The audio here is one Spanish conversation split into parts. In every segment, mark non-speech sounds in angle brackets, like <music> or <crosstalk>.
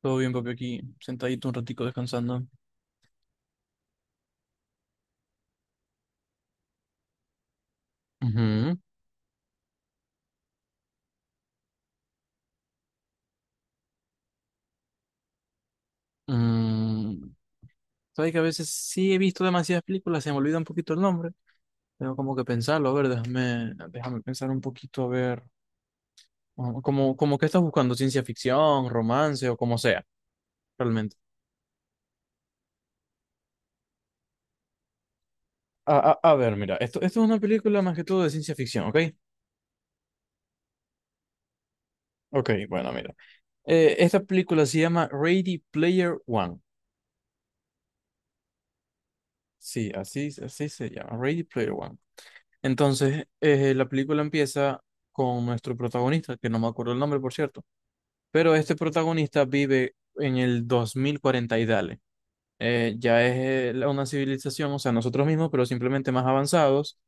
Todo bien, papi, aquí sentadito un ratico descansando. Ujú. Mm, sabes que a veces sí he visto demasiadas películas, se me olvida un poquito el nombre. Tengo como que pensarlo, a ver, déjame pensar un poquito, a ver, como que estás buscando ciencia ficción, romance o como sea, realmente. A ver, mira, esto es una película más que todo de ciencia ficción, ¿ok? Ok, bueno, mira. Esta película se llama Ready Player One. Sí, así se llama, Ready Player One. Entonces, la película empieza con nuestro protagonista, que no me acuerdo el nombre, por cierto, pero este protagonista vive en el 2040 y dale. Una civilización, o sea, nosotros mismos, pero simplemente más avanzados,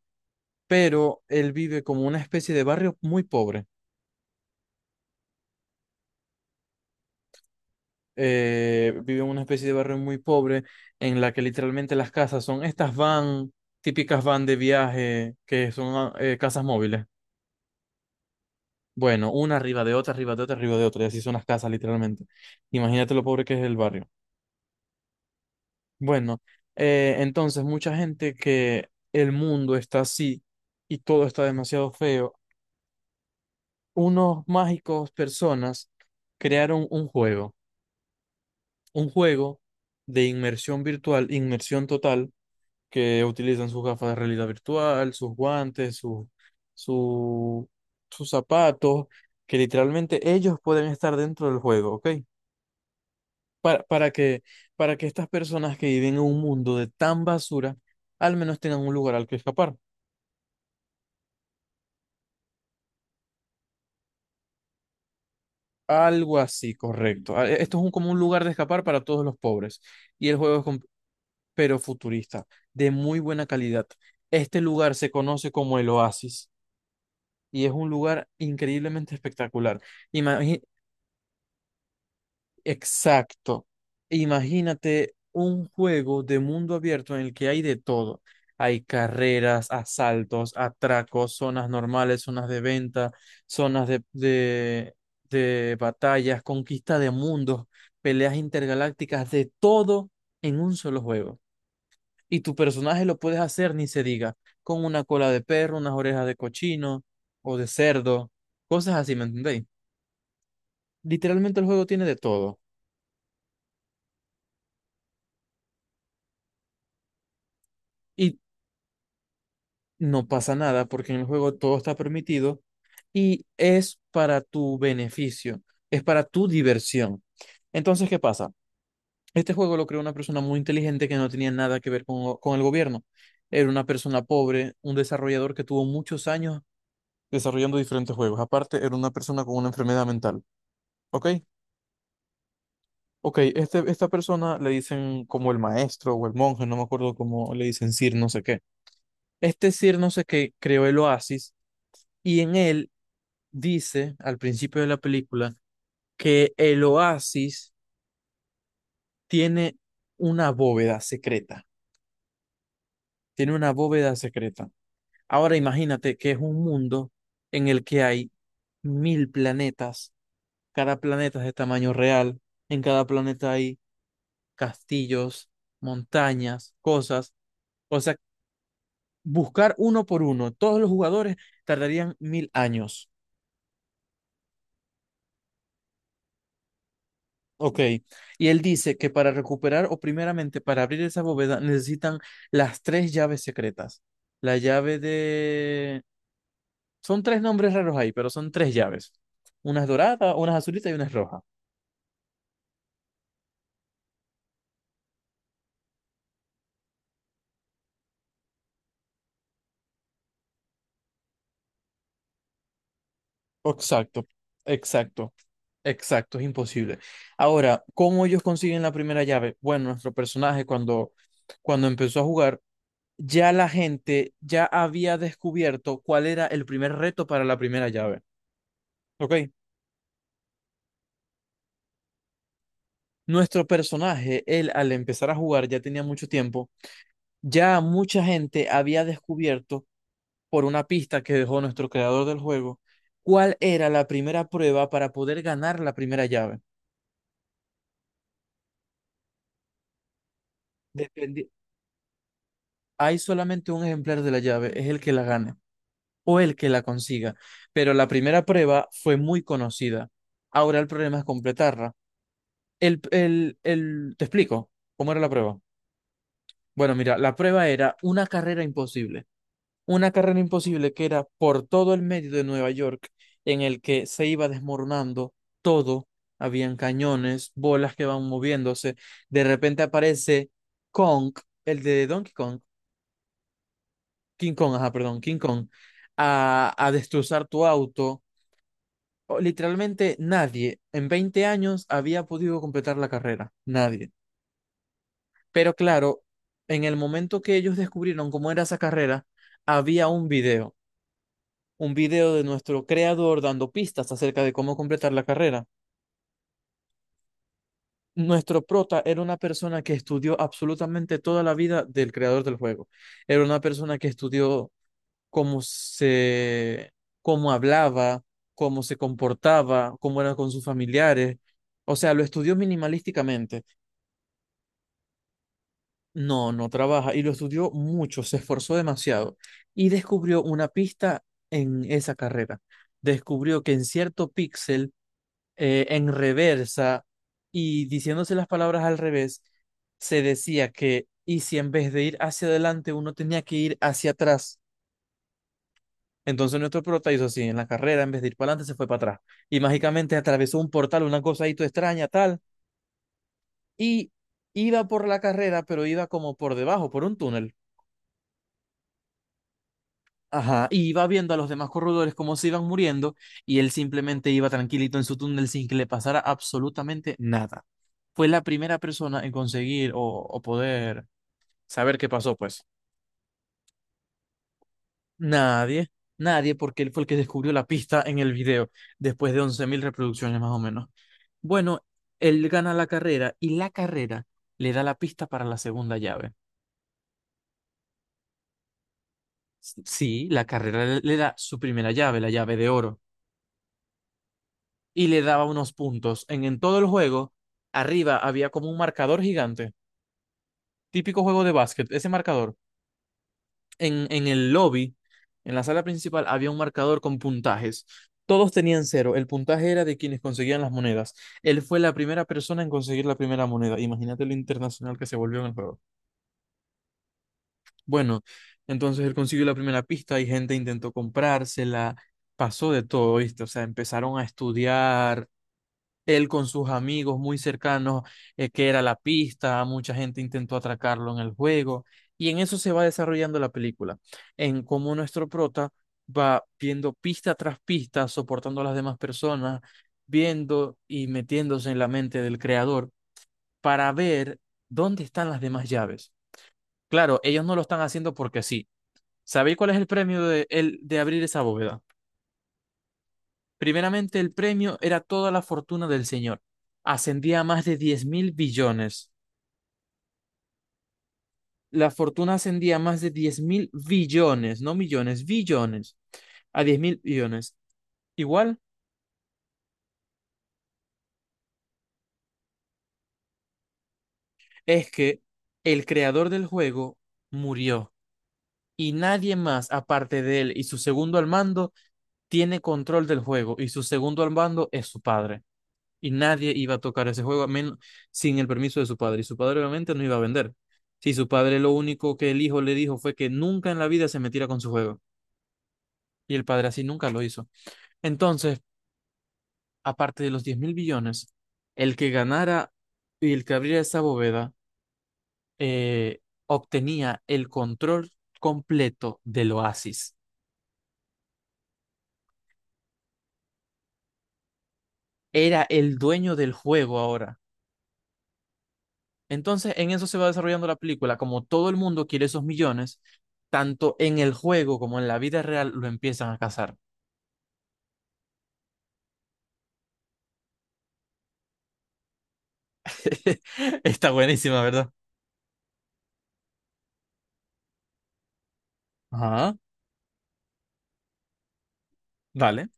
pero él vive como una especie de barrio muy pobre. Vive en una especie de barrio muy pobre en la que literalmente las casas son estas van, típicas van de viaje, que son casas móviles. Bueno, una arriba de otra, arriba de otra, arriba de otra, y así son las casas, literalmente. Imagínate lo pobre que es el barrio. Bueno, entonces, mucha gente que el mundo está así y todo está demasiado feo. Unos mágicos personas crearon un juego de inmersión virtual, inmersión total, que utilizan sus gafas de realidad virtual, sus guantes, su, sus zapatos, que literalmente ellos pueden estar dentro del juego, ¿ok? para, para que, para que estas personas que viven en un mundo de tan basura, al menos tengan un lugar al que escapar. Algo así, correcto. Esto es un, como un lugar de escapar para todos los pobres. Y el juego es, com- Pero futurista, de muy buena calidad. Este lugar se conoce como el Oasis y es un lugar increíblemente espectacular. Exacto. Imagínate un juego de mundo abierto en el que hay de todo. Hay carreras, asaltos, atracos, zonas normales, zonas de venta, zonas de, de, de batallas, conquista de mundos, peleas intergalácticas, de todo en un solo juego. Y tu personaje lo puedes hacer, ni se diga, con una cola de perro, unas orejas de cochino o de cerdo, cosas así, ¿me entendéis? Literalmente el juego tiene de todo. Y no pasa nada porque en el juego todo está permitido y es para tu beneficio, es para tu diversión. Entonces, ¿qué pasa? Este juego lo creó una persona muy inteligente que no tenía nada que ver con el gobierno. Era una persona pobre, un desarrollador que tuvo muchos años desarrollando diferentes juegos. Aparte, era una persona con una enfermedad mental. ¿Ok? Ok, esta persona le dicen como el maestro o el monje, no me acuerdo cómo le dicen, Sir no sé qué. Este Sir no sé qué creó el Oasis y en él dice al principio de la película que el oasis tiene una bóveda secreta, tiene una bóveda secreta. Ahora imagínate que es un mundo en el que hay mil planetas, cada planeta es de tamaño real, en cada planeta hay castillos, montañas, cosas, o sea, buscar uno por uno, todos los jugadores tardarían mil años. Ok, y él dice que para recuperar o primeramente para abrir esa bóveda necesitan las tres llaves secretas. La llave de... Son tres nombres raros ahí, pero son tres llaves. Unas doradas, unas azulitas y unas rojas. Exacto, exacto, exacto, es imposible. Ahora, ¿cómo ellos consiguen la primera llave? Bueno, nuestro personaje cuando empezó a jugar, ya la gente ya había descubierto cuál era el primer reto para la primera llave. Ok. Nuestro personaje, él al empezar a jugar ya tenía mucho tiempo, ya mucha gente había descubierto por una pista que dejó nuestro creador del juego cuál era la primera prueba para poder ganar la primera llave. Dependi- Hay solamente un ejemplar de la llave, es el que la gane o el que la consiga, pero la primera prueba fue muy conocida. Ahora el problema es completarla. ¿Te explico cómo era la prueba? Bueno, mira, la prueba era una carrera imposible. Una carrera imposible que era por todo el medio de Nueva York, en el que se iba desmoronando todo. Habían cañones, bolas que van moviéndose. De repente aparece Kong, el de Donkey Kong, King Kong, ajá, perdón, King Kong, a destrozar tu auto. Literalmente nadie en 20 años había podido completar la carrera, nadie. Pero claro, en el momento que ellos descubrieron cómo era esa carrera, había un video de nuestro creador dando pistas acerca de cómo completar la carrera. Nuestro prota era una persona que estudió absolutamente toda la vida del creador del juego. Era una persona que estudió cómo se, cómo hablaba, cómo se comportaba, cómo era con sus familiares. O sea, lo estudió minimalísticamente. No, no trabaja y lo estudió mucho, se esforzó demasiado y descubrió una pista en esa carrera. Descubrió que en cierto píxel en reversa y diciéndose las palabras al revés, se decía que, y si en vez de ir hacia adelante uno tenía que ir hacia atrás. Entonces nuestro prota hizo así, en la carrera, en vez de ir para adelante, se fue para atrás. Y mágicamente atravesó un portal, una cosa ahí toda extraña, tal, y iba por la carrera, pero iba como por debajo, por un túnel. Ajá, y iba viendo a los demás corredores cómo se iban muriendo y él simplemente iba tranquilito en su túnel sin que le pasara absolutamente nada. Fue la primera persona en conseguir o poder saber qué pasó, pues. Nadie, Nadie, porque él fue el que descubrió la pista en el video, después de 11.000 reproducciones más o menos. Bueno, él gana la carrera y la carrera le da la pista para la segunda llave. Sí, la carrera le da su primera llave, la llave de oro. Y le daba unos puntos. En todo el juego, arriba había como un marcador gigante, típico juego de básquet, ese marcador. En el lobby, en la sala principal, había un marcador con puntajes. Todos tenían cero. El puntaje era de quienes conseguían las monedas. Él fue la primera persona en conseguir la primera moneda. Imagínate lo internacional que se volvió en el juego. Bueno, entonces él consiguió la primera pista y gente intentó comprársela. Pasó de todo, ¿viste? O sea, empezaron a estudiar él con sus amigos muy cercanos, que era la pista, mucha gente intentó atracarlo en el juego, y en eso se va desarrollando la película, en cómo nuestro prota va viendo pista tras pista, soportando a las demás personas, viendo y metiéndose en la mente del creador para ver dónde están las demás llaves. Claro, ellos no lo están haciendo porque sí. ¿Sabéis cuál es el premio de abrir esa bóveda? Primeramente, el premio era toda la fortuna del señor. Ascendía a más de diez mil billones. La fortuna ascendía a más de diez mil billones, no millones, billones, a diez mil billones. Igual es que el creador del juego murió y nadie más, aparte de él y su segundo al mando, tiene control del juego y su segundo al mando es su padre. Y nadie iba a tocar ese juego a men- Sin el permiso de su padre. Y su padre obviamente no iba a vender. Si su padre lo único que el hijo le dijo fue que nunca en la vida se metiera con su juego. Y el padre así nunca lo hizo. Entonces, aparte de los 10 mil billones, el que ganara y el que abriera esa bóveda obtenía el control completo del oasis. Era el dueño del juego ahora. Entonces, en eso se va desarrollando la película. Como todo el mundo quiere esos millones, tanto en el juego como en la vida real lo empiezan a cazar. <laughs> Está buenísima, ¿verdad? Ajá, dale.